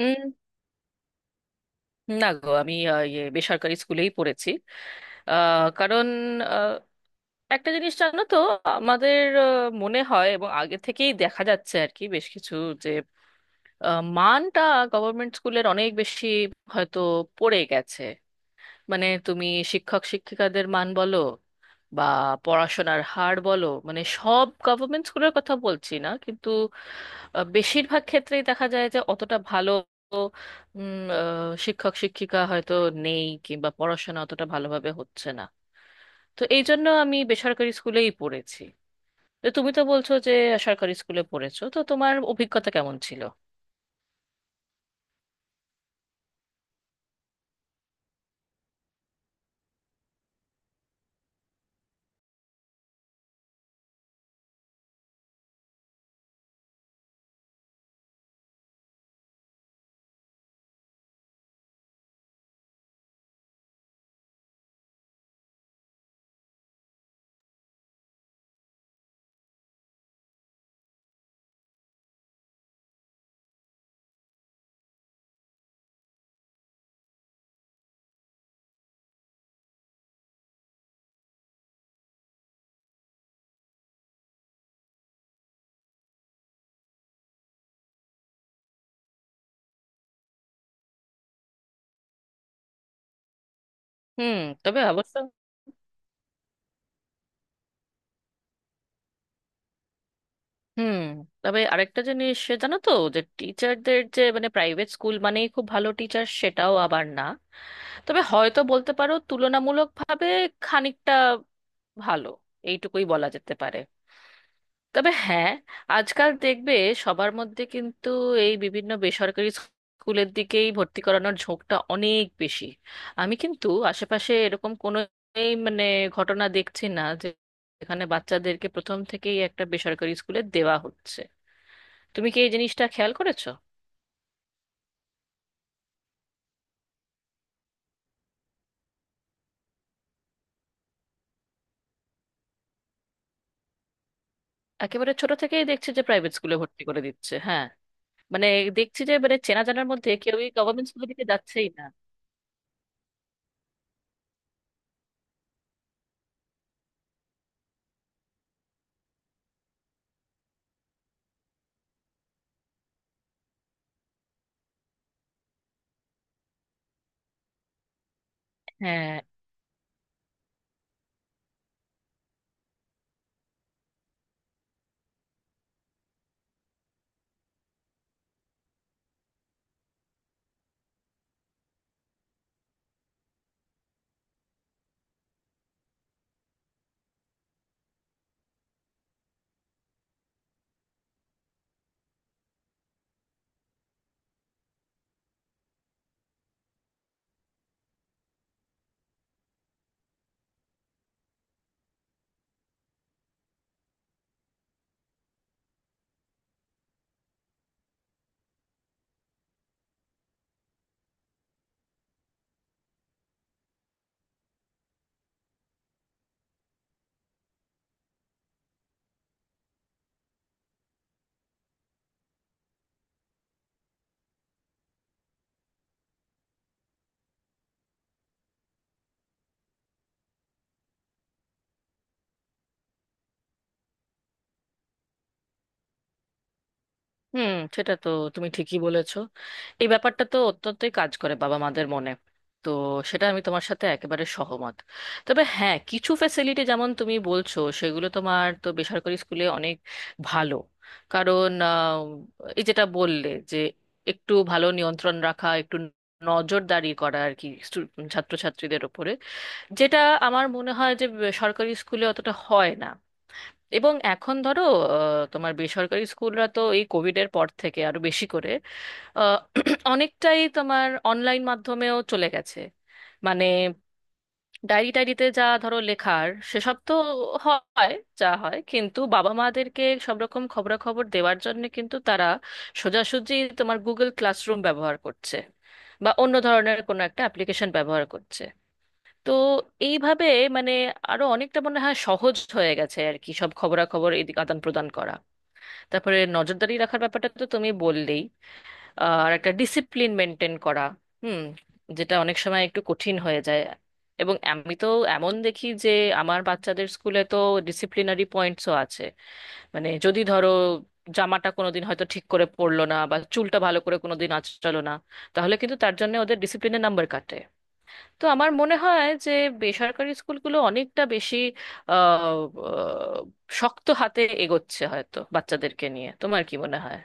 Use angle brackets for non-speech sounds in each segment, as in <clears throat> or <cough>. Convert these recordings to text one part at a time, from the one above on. উম, না গো, আমি বেসরকারি স্কুলেই পড়েছি। কারণ, আহ, একটা জিনিস জানো তো। আমাদের আহ, মনে হয়, এবং আগে থেকেই দেখা যাচ্ছে আর কি বেশ কিছু যে মানটা গভর্নমেন্ট স্কুলের অনেক বেশি হয়তো পড়ে গেছে। মানে তুমি শিক্ষক শিক্ষিকাদের মান বলো, বা পড়াশোনার হার বলো, মানে সব গভর্নমেন্ট স্কুলের কথা বলছি না কিন্তু বেশিরভাগ ক্ষেত্রেই দেখা যায় যে অতটা ভালো শিক্ষক শিক্ষিকা হয়তো নেই, কিংবা পড়াশোনা অতটা ভালোভাবে হচ্ছে না। তো এই জন্য আমি বেসরকারি স্কুলেই পড়েছি। তো তুমি তো বলছো যে সরকারি স্কুলে পড়েছো, তো তোমার অভিজ্ঞতা কেমন ছিল? হুম। তবে অবশ্য, হুম, তবে আরেকটা জিনিস সে জানো তো, যে টিচারদের যে, মানে প্রাইভেট স্কুল মানেই খুব ভালো টিচার সেটাও আবার না। তবে হয়তো বলতে পারো তুলনামূলকভাবে খানিকটা ভালো, এইটুকুই বলা যেতে পারে। তবে হ্যাঁ, আজকাল দেখবে সবার মধ্যে কিন্তু এই বিভিন্ন বেসরকারি স্কুলের দিকেই ভর্তি করানোর ঝোঁকটা অনেক বেশি। আমি কিন্তু আশেপাশে এরকম কোনো, এই মানে ঘটনা দেখছি না যে এখানে বাচ্চাদেরকে প্রথম থেকেই একটা বেসরকারি স্কুলে দেওয়া হচ্ছে। তুমি কি এই জিনিসটা খেয়াল করেছো? একেবারে ছোট থেকেই দেখছি যে প্রাইভেট স্কুলে ভর্তি করে দিচ্ছে, হ্যাঁ। মানে দেখছি যে, মানে চেনা জানার মধ্যে কেউই গভর্নমেন্ট স্কুলের দিকে যাচ্ছেই না। হ্যাঁ। হুম, সেটা তো তুমি ঠিকই বলেছো। এই ব্যাপারটা তো অত্যন্তই কাজ করে বাবা মাদের মনে। তো সেটা আমি তোমার সাথে একেবারে সহমত। তবে হ্যাঁ, কিছু ফ্যাসিলিটি যেমন তুমি বলছো সেগুলো তোমার তো বেসরকারি স্কুলে অনেক ভালো। কারণ এই যেটা বললে যে, একটু ভালো নিয়ন্ত্রণ রাখা, একটু নজরদারি করা আর কি ছাত্রছাত্রীদের ওপরে, যেটা আমার মনে হয় যে সরকারি স্কুলে অতটা হয় না। এবং এখন ধরো, তোমার বেসরকারি স্কুলরা তো এই কোভিডের পর থেকে আরো বেশি করে আহ, <clears throat> অনেকটাই তোমার অনলাইন মাধ্যমেও চলে গেছে। মানে ডায়েরি টায়েরিতে যা ধরো লেখার সেসব তো হয়, যা হয়, কিন্তু বাবা মাদেরকে সব রকম খবরাখবর দেওয়ার জন্য কিন্তু তারা সোজাসুজি তোমার গুগল ক্লাসরুম ব্যবহার করছে, বা অন্য ধরনের কোনো একটা অ্যাপ্লিকেশন ব্যবহার করছে। তো এইভাবে, মানে আরো অনেকটা মনে হয় সহজ হয়ে গেছে আর কি, সব খবরাখবর এদিকে আদান প্রদান করা। তারপরে নজরদারি রাখার ব্যাপারটা তো তুমি বললেই, আর একটা ডিসিপ্লিন মেনটেন করা, হুম, যেটা অনেক সময় একটু কঠিন হয়ে যায়। এবং আমি তো এমন দেখি যে আমার বাচ্চাদের স্কুলে তো ডিসিপ্লিনারি পয়েন্টসও আছে। মানে যদি ধরো জামাটা কোনোদিন হয়তো ঠিক করে পরলো না, বা চুলটা ভালো করে কোনোদিন আঁচড়ালো না, তাহলে কিন্তু তার জন্য ওদের ডিসিপ্লিনের নাম্বার কাটে। তো আমার মনে হয় যে বেসরকারি স্কুলগুলো অনেকটা বেশি আহ, আহ, শক্ত হাতে এগোচ্ছে হয়তো বাচ্চাদেরকে নিয়ে। তোমার কি মনে হয়?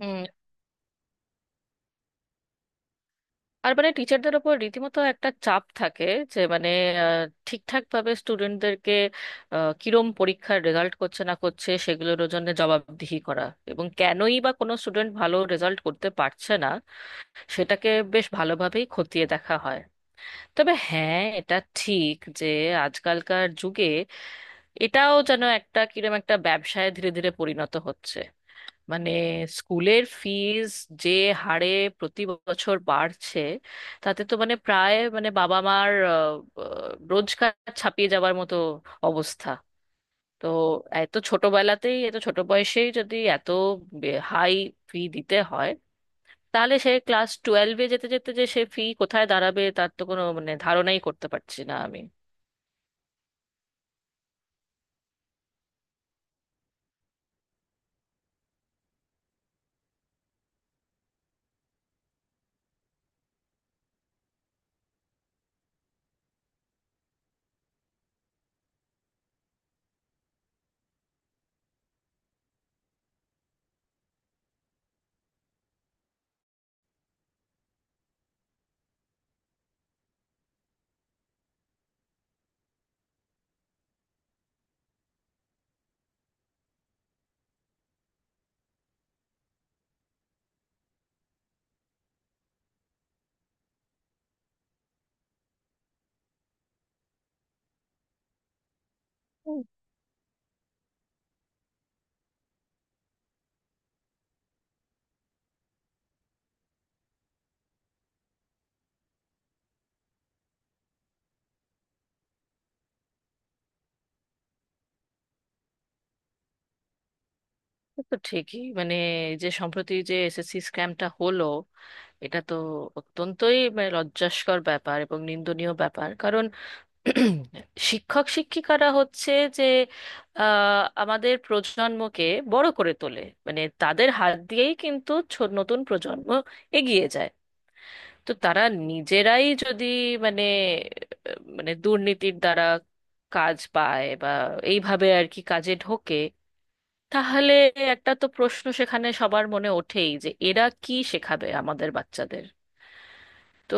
হুম। আর মানে টিচারদের ওপর রীতিমতো একটা চাপ থাকে, যে মানে ঠিকঠাক ভাবে স্টুডেন্টদেরকে কিরম পরীক্ষার রেজাল্ট করছে না করছে সেগুলোর জন্য জবাবদিহি করা। এবং কেনই বা কোনো স্টুডেন্ট ভালো রেজাল্ট করতে পারছে না সেটাকে বেশ ভালোভাবেই খতিয়ে দেখা হয়। তবে হ্যাঁ, এটা ঠিক যে আজকালকার যুগে এটাও যেন একটা কিরম একটা ব্যবসায় ধীরে ধীরে পরিণত হচ্ছে। মানে স্কুলের ফিজ যে হারে প্রতি বছর বাড়ছে, তাতে তো মানে প্রায়, মানে বাবা মার রোজগার ছাপিয়ে যাবার মতো অবস্থা। তো এত ছোটবেলাতেই, এত ছোট বয়সেই যদি এত হাই ফি দিতে হয়, তাহলে সে ক্লাস টুয়েলভে যেতে যেতে যে সে ফি কোথায় দাঁড়াবে, তার তো কোনো মানে ধারণাই করতে পারছি না আমি। সে তো ঠিকই, মানে এই যে সম্প্রতি যে এসএসসি স্ক্যামটা হলো, এটা তো অত্যন্তই মানে লজ্জাস্কর ব্যাপার এবং নিন্দনীয় ব্যাপার। কারণ <clears throat> শিক্ষক শিক্ষিকারা হচ্ছে যে আমাদের প্রজন্মকে বড় করে তোলে। মানে তাদের হাত দিয়েই কিন্তু নতুন প্রজন্ম এগিয়ে যায়। তো তারা নিজেরাই যদি, মানে মানে দুর্নীতির দ্বারা কাজ পায়, বা এইভাবে আর কি কাজে ঢোকে, তাহলে একটা তো প্রশ্ন সেখানে সবার মনে ওঠেই যে এরা কি শেখাবে আমাদের বাচ্চাদের। তো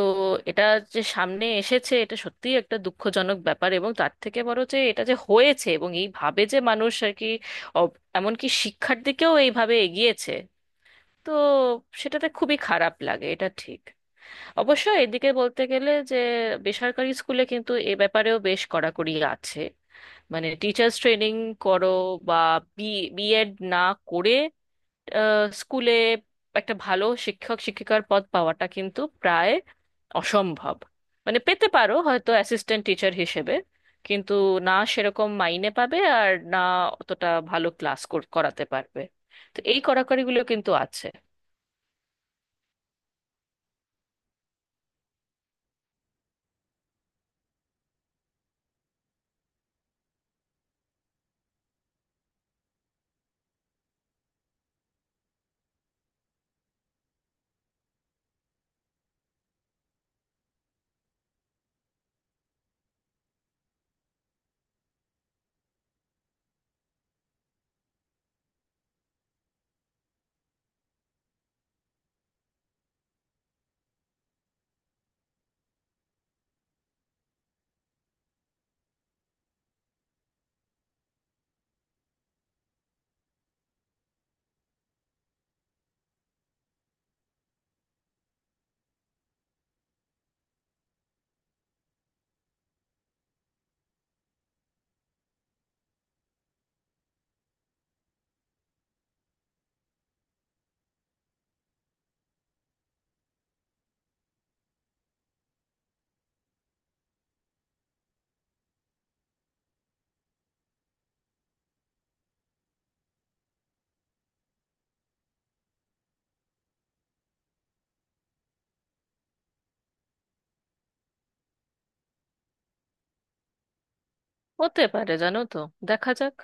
এটা যে সামনে এসেছে এটা সত্যিই একটা দুঃখজনক ব্যাপার, এবং তার থেকে বড় যে এটা যে হয়েছে এবং এইভাবে যে মানুষ আর কি, এমনকি শিক্ষার দিকেও এইভাবে এগিয়েছে। তো সেটাতে খুবই খারাপ লাগে, এটা ঠিক। অবশ্য এদিকে বলতে গেলে যে বেসরকারি স্কুলে কিন্তু এ ব্যাপারেও বেশ কড়াকড়ি আছে। মানে টিচার্স ট্রেনিং করো, বা বি বিএড না করে স্কুলে একটা ভালো শিক্ষক শিক্ষিকার পদ পাওয়াটা কিন্তু প্রায় অসম্ভব। মানে পেতে পারো হয়তো অ্যাসিস্ট্যান্ট টিচার হিসেবে, কিন্তু না সেরকম মাইনে পাবে, আর না অতটা ভালো ক্লাস করাতে পারবে। তো এই কড়াকড়িগুলো কিন্তু আছে। হতে পারে, জানো তো। দেখা যাক।